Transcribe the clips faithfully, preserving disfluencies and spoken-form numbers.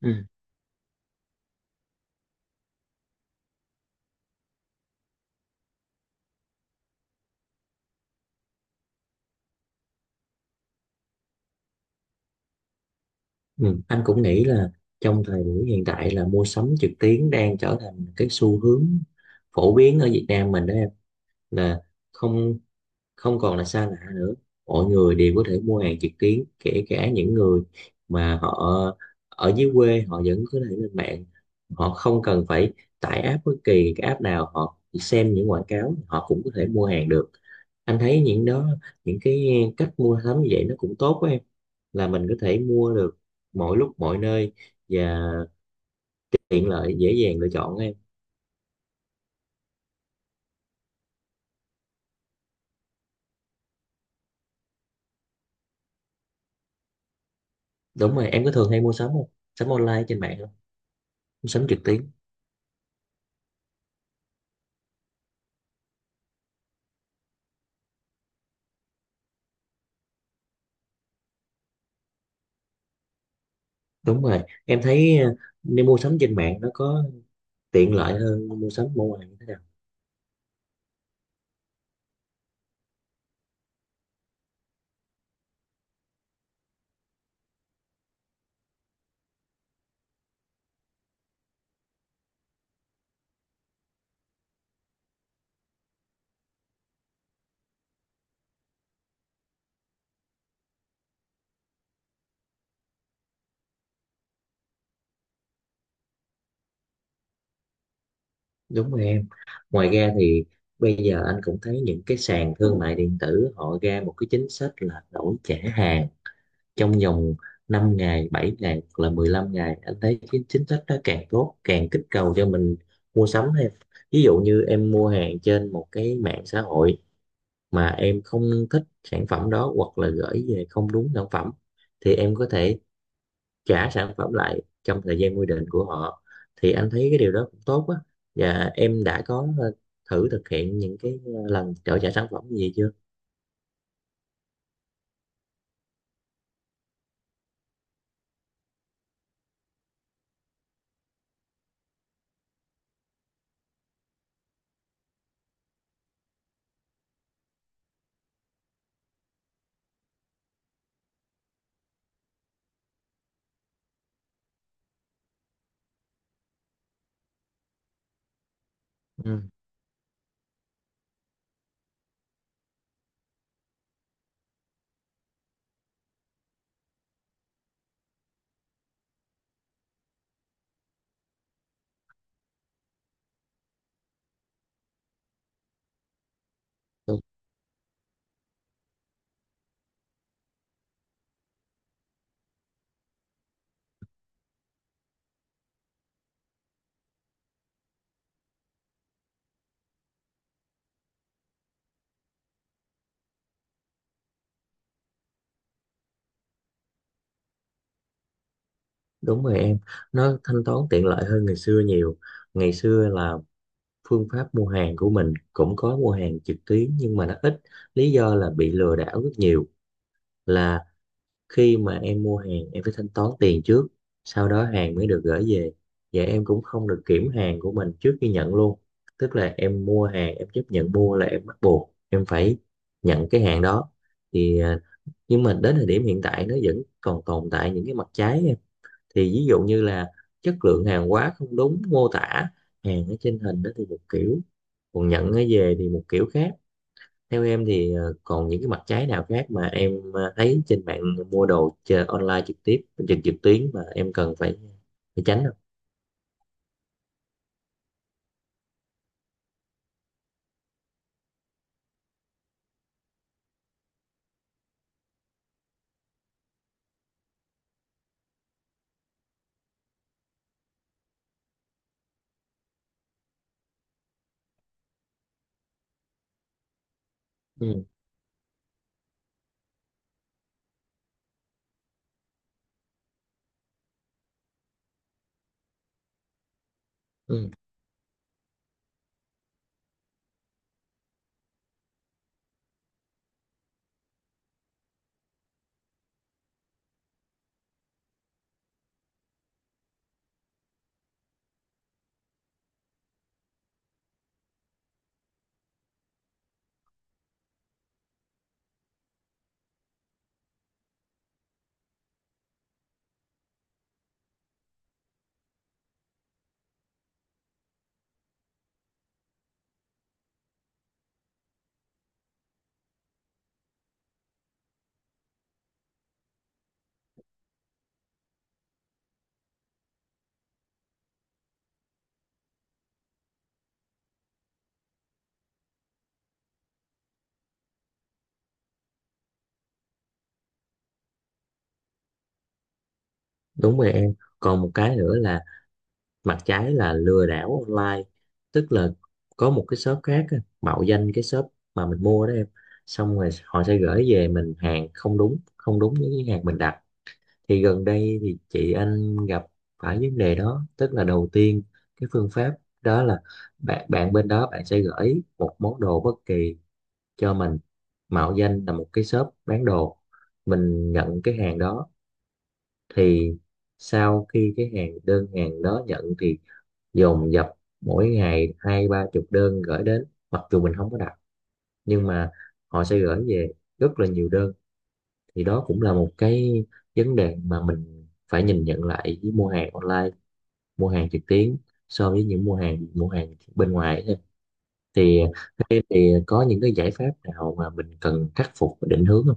Ừ. Ừ. Anh cũng nghĩ là trong thời buổi hiện tại là mua sắm trực tuyến đang trở thành cái xu hướng phổ biến ở Việt Nam mình đó em, là không không còn là xa lạ nữa. Mọi người đều có thể mua hàng trực tuyến, kể cả những người mà họ ở dưới quê, họ vẫn có thể lên mạng. Họ không cần phải tải app, bất kỳ cái app nào, họ chỉ xem những quảng cáo họ cũng có thể mua hàng được. Anh thấy những đó những cái cách mua sắm như vậy nó cũng tốt quá em, là mình có thể mua được mọi lúc mọi nơi, và tiện lợi, dễ dàng lựa chọn em. Đúng rồi, em có thường hay mua sắm không, sắm online trên mạng không, mua sắm trực tuyến? Đúng rồi, em thấy ờ, nên mua sắm trên mạng nó có tiện lợi hơn mua sắm ở ngoài như thế nào? Đúng rồi em. Ngoài ra thì bây giờ anh cũng thấy những cái sàn thương mại điện tử họ ra một cái chính sách là đổi trả hàng trong vòng năm ngày, bảy ngày hoặc là mười lăm ngày. Anh thấy cái chính sách đó càng tốt, càng kích cầu cho mình mua sắm thêm. Ví dụ như em mua hàng trên một cái mạng xã hội mà em không thích sản phẩm đó, hoặc là gửi về không đúng sản phẩm, thì em có thể trả sản phẩm lại trong thời gian quy định của họ. Thì anh thấy cái điều đó cũng tốt á. Và em đã có ờ, thử thực hiện những cái ờ, lần trợ trả sản phẩm gì chưa? Ừ. Đúng rồi em, nó thanh toán tiện lợi hơn ngày xưa nhiều. Ngày xưa là phương pháp mua hàng của mình cũng có mua hàng trực tuyến nhưng mà nó ít. Lý do là bị lừa đảo rất nhiều. Là khi mà em mua hàng, em phải thanh toán tiền trước, sau đó hàng mới được gửi về. Và em cũng không được kiểm hàng của mình trước khi nhận luôn. Tức là em mua hàng, em chấp nhận mua là em bắt buộc em phải nhận cái hàng đó. Thì à, nhưng mà đến thời điểm hiện tại nó vẫn còn tồn tại những cái mặt trái. Thì ví dụ như là chất lượng hàng hóa không đúng mô tả, hàng ở trên hình đó thì một kiểu, còn nhận nó về thì một kiểu khác. Theo em thì ờ, còn những cái mặt trái nào khác mà em ờ, thấy trên mạng mua đồ chờ online, trực tiếp trực trực tuyến, mà em cần phải phải tránh không? Ừ, ừ, đúng rồi em. Còn một cái nữa là mặt trái là lừa đảo online. Tức là có một cái shop khác á, mạo danh cái shop mà mình mua đó em, xong rồi họ sẽ gửi về mình hàng không đúng không đúng với cái hàng mình đặt. Thì gần đây thì chị anh gặp phải vấn đề đó. Tức là đầu tiên cái phương pháp đó là bạn bạn bên đó, bạn sẽ gửi một món đồ bất kỳ cho mình, mạo danh là một cái shop bán đồ. Mình nhận cái hàng đó, thì sau khi cái hàng đơn hàng đó nhận thì dồn dập mỗi ngày hai ba chục đơn gửi đến, mặc dù mình không có đặt, nhưng mà họ sẽ gửi về rất là nhiều đơn. Thì đó cũng là một cái vấn đề mà mình phải nhìn nhận lại với mua hàng online, mua hàng trực tuyến, so với những mua hàng mua hàng bên ngoài ấy. Thì thế thì có những cái giải pháp nào mà mình cần khắc phục và định hướng không?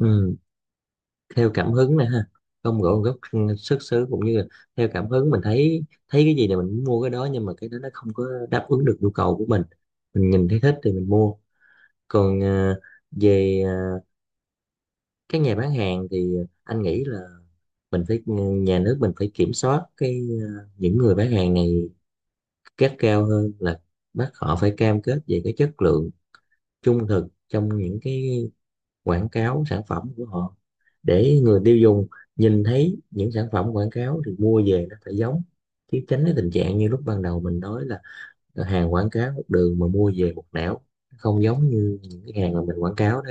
Ừ, theo cảm hứng nè ha, không gõ gốc, ừ, xuất xứ, cũng như là theo cảm hứng, mình thấy thấy cái gì là mình mua cái đó, nhưng mà cái đó nó không có đáp ứng được nhu cầu của mình mình nhìn thấy thích thì mình mua. Còn ờ, về ờ, các nhà bán hàng thì anh nghĩ là mình phải ừ, nhà nước mình phải kiểm soát cái ờ, những người bán hàng này gắt cao hơn, là bắt họ phải cam kết về cái chất lượng, trung thực trong những cái quảng cáo sản phẩm của họ, để người tiêu dùng nhìn thấy những sản phẩm quảng cáo thì mua về nó phải giống, chứ tránh cái tình trạng như lúc ban đầu mình nói là hàng quảng cáo một đường mà mua về một nẻo, không giống như những cái hàng mà mình quảng cáo đó.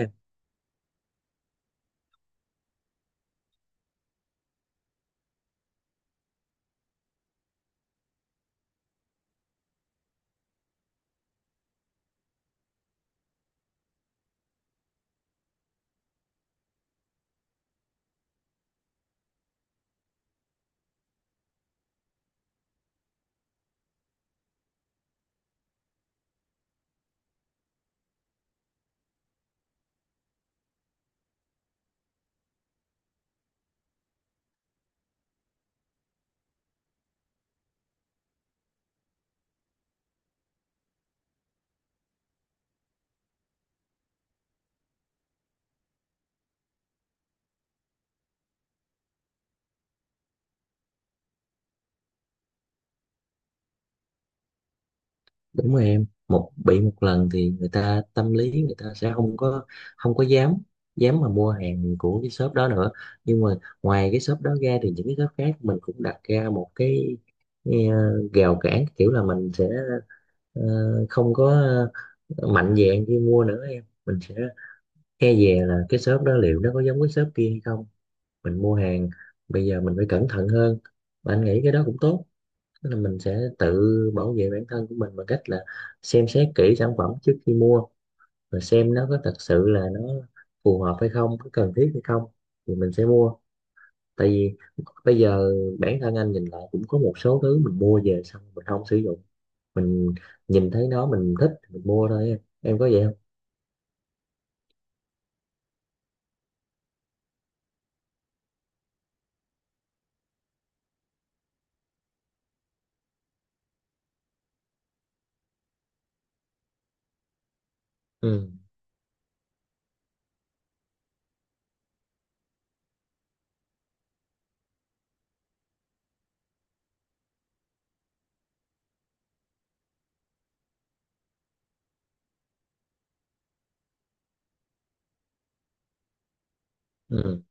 Đúng rồi em, một bị một lần thì người ta tâm lý người ta sẽ không có không có dám dám mà mua hàng của cái shop đó nữa. Nhưng mà ngoài cái shop đó ra thì những cái shop khác mình cũng đặt ra một cái, cái ờ, rào cản, kiểu là mình sẽ ờ, không có, ờ, mạnh dạn khi mua nữa em. Mình sẽ e dè là cái shop đó liệu nó có giống cái shop kia hay không. Mình mua hàng bây giờ mình phải cẩn thận hơn. Mà anh nghĩ cái đó cũng tốt. Tức là mình sẽ tự bảo vệ bản thân của mình bằng cách là xem xét kỹ sản phẩm trước khi mua, và xem nó có thật sự là nó phù hợp hay không, có cần thiết hay không, thì mình sẽ mua. Tại vì bây giờ bản thân anh nhìn lại cũng có một số thứ mình mua về xong mình không sử dụng. Mình nhìn thấy nó mình thích mình mua thôi. Em Em có vậy không? Ừ. Ừ.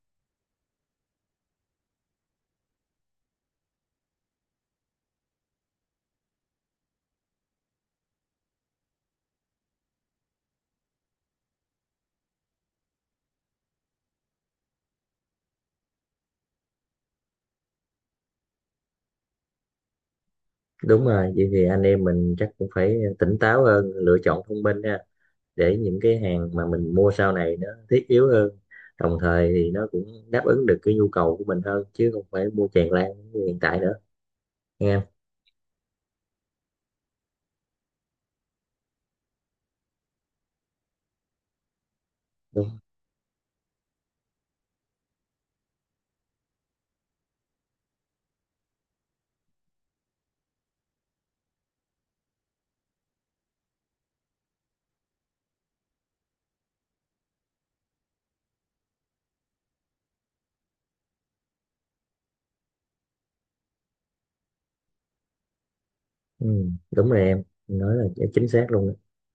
Đúng rồi, vậy thì anh em mình chắc cũng phải tỉnh táo hơn, lựa chọn thông minh ha. Để những cái hàng mà mình mua sau này nó thiết yếu hơn, đồng thời thì nó cũng đáp ứng được cái nhu cầu của mình hơn, chứ không phải mua tràn lan như hiện tại nữa. Nghe em. Đúng. Ừ, đúng rồi em nói là chính xác luôn đó.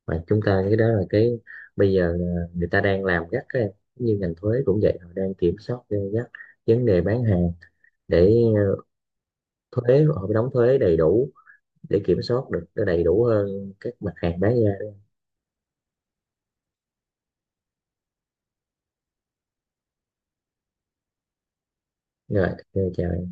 Mà chúng ta cái đó là cái, bây giờ là người ta đang làm gắt các em, như ngành thuế cũng vậy, họ đang kiểm soát gay gắt vấn đề bán hàng, để ờ, thuế họ phải đóng thuế đầy đủ, để kiểm soát được nó đầy đủ hơn các mặt hàng bán ra. Rồi, ok, chào.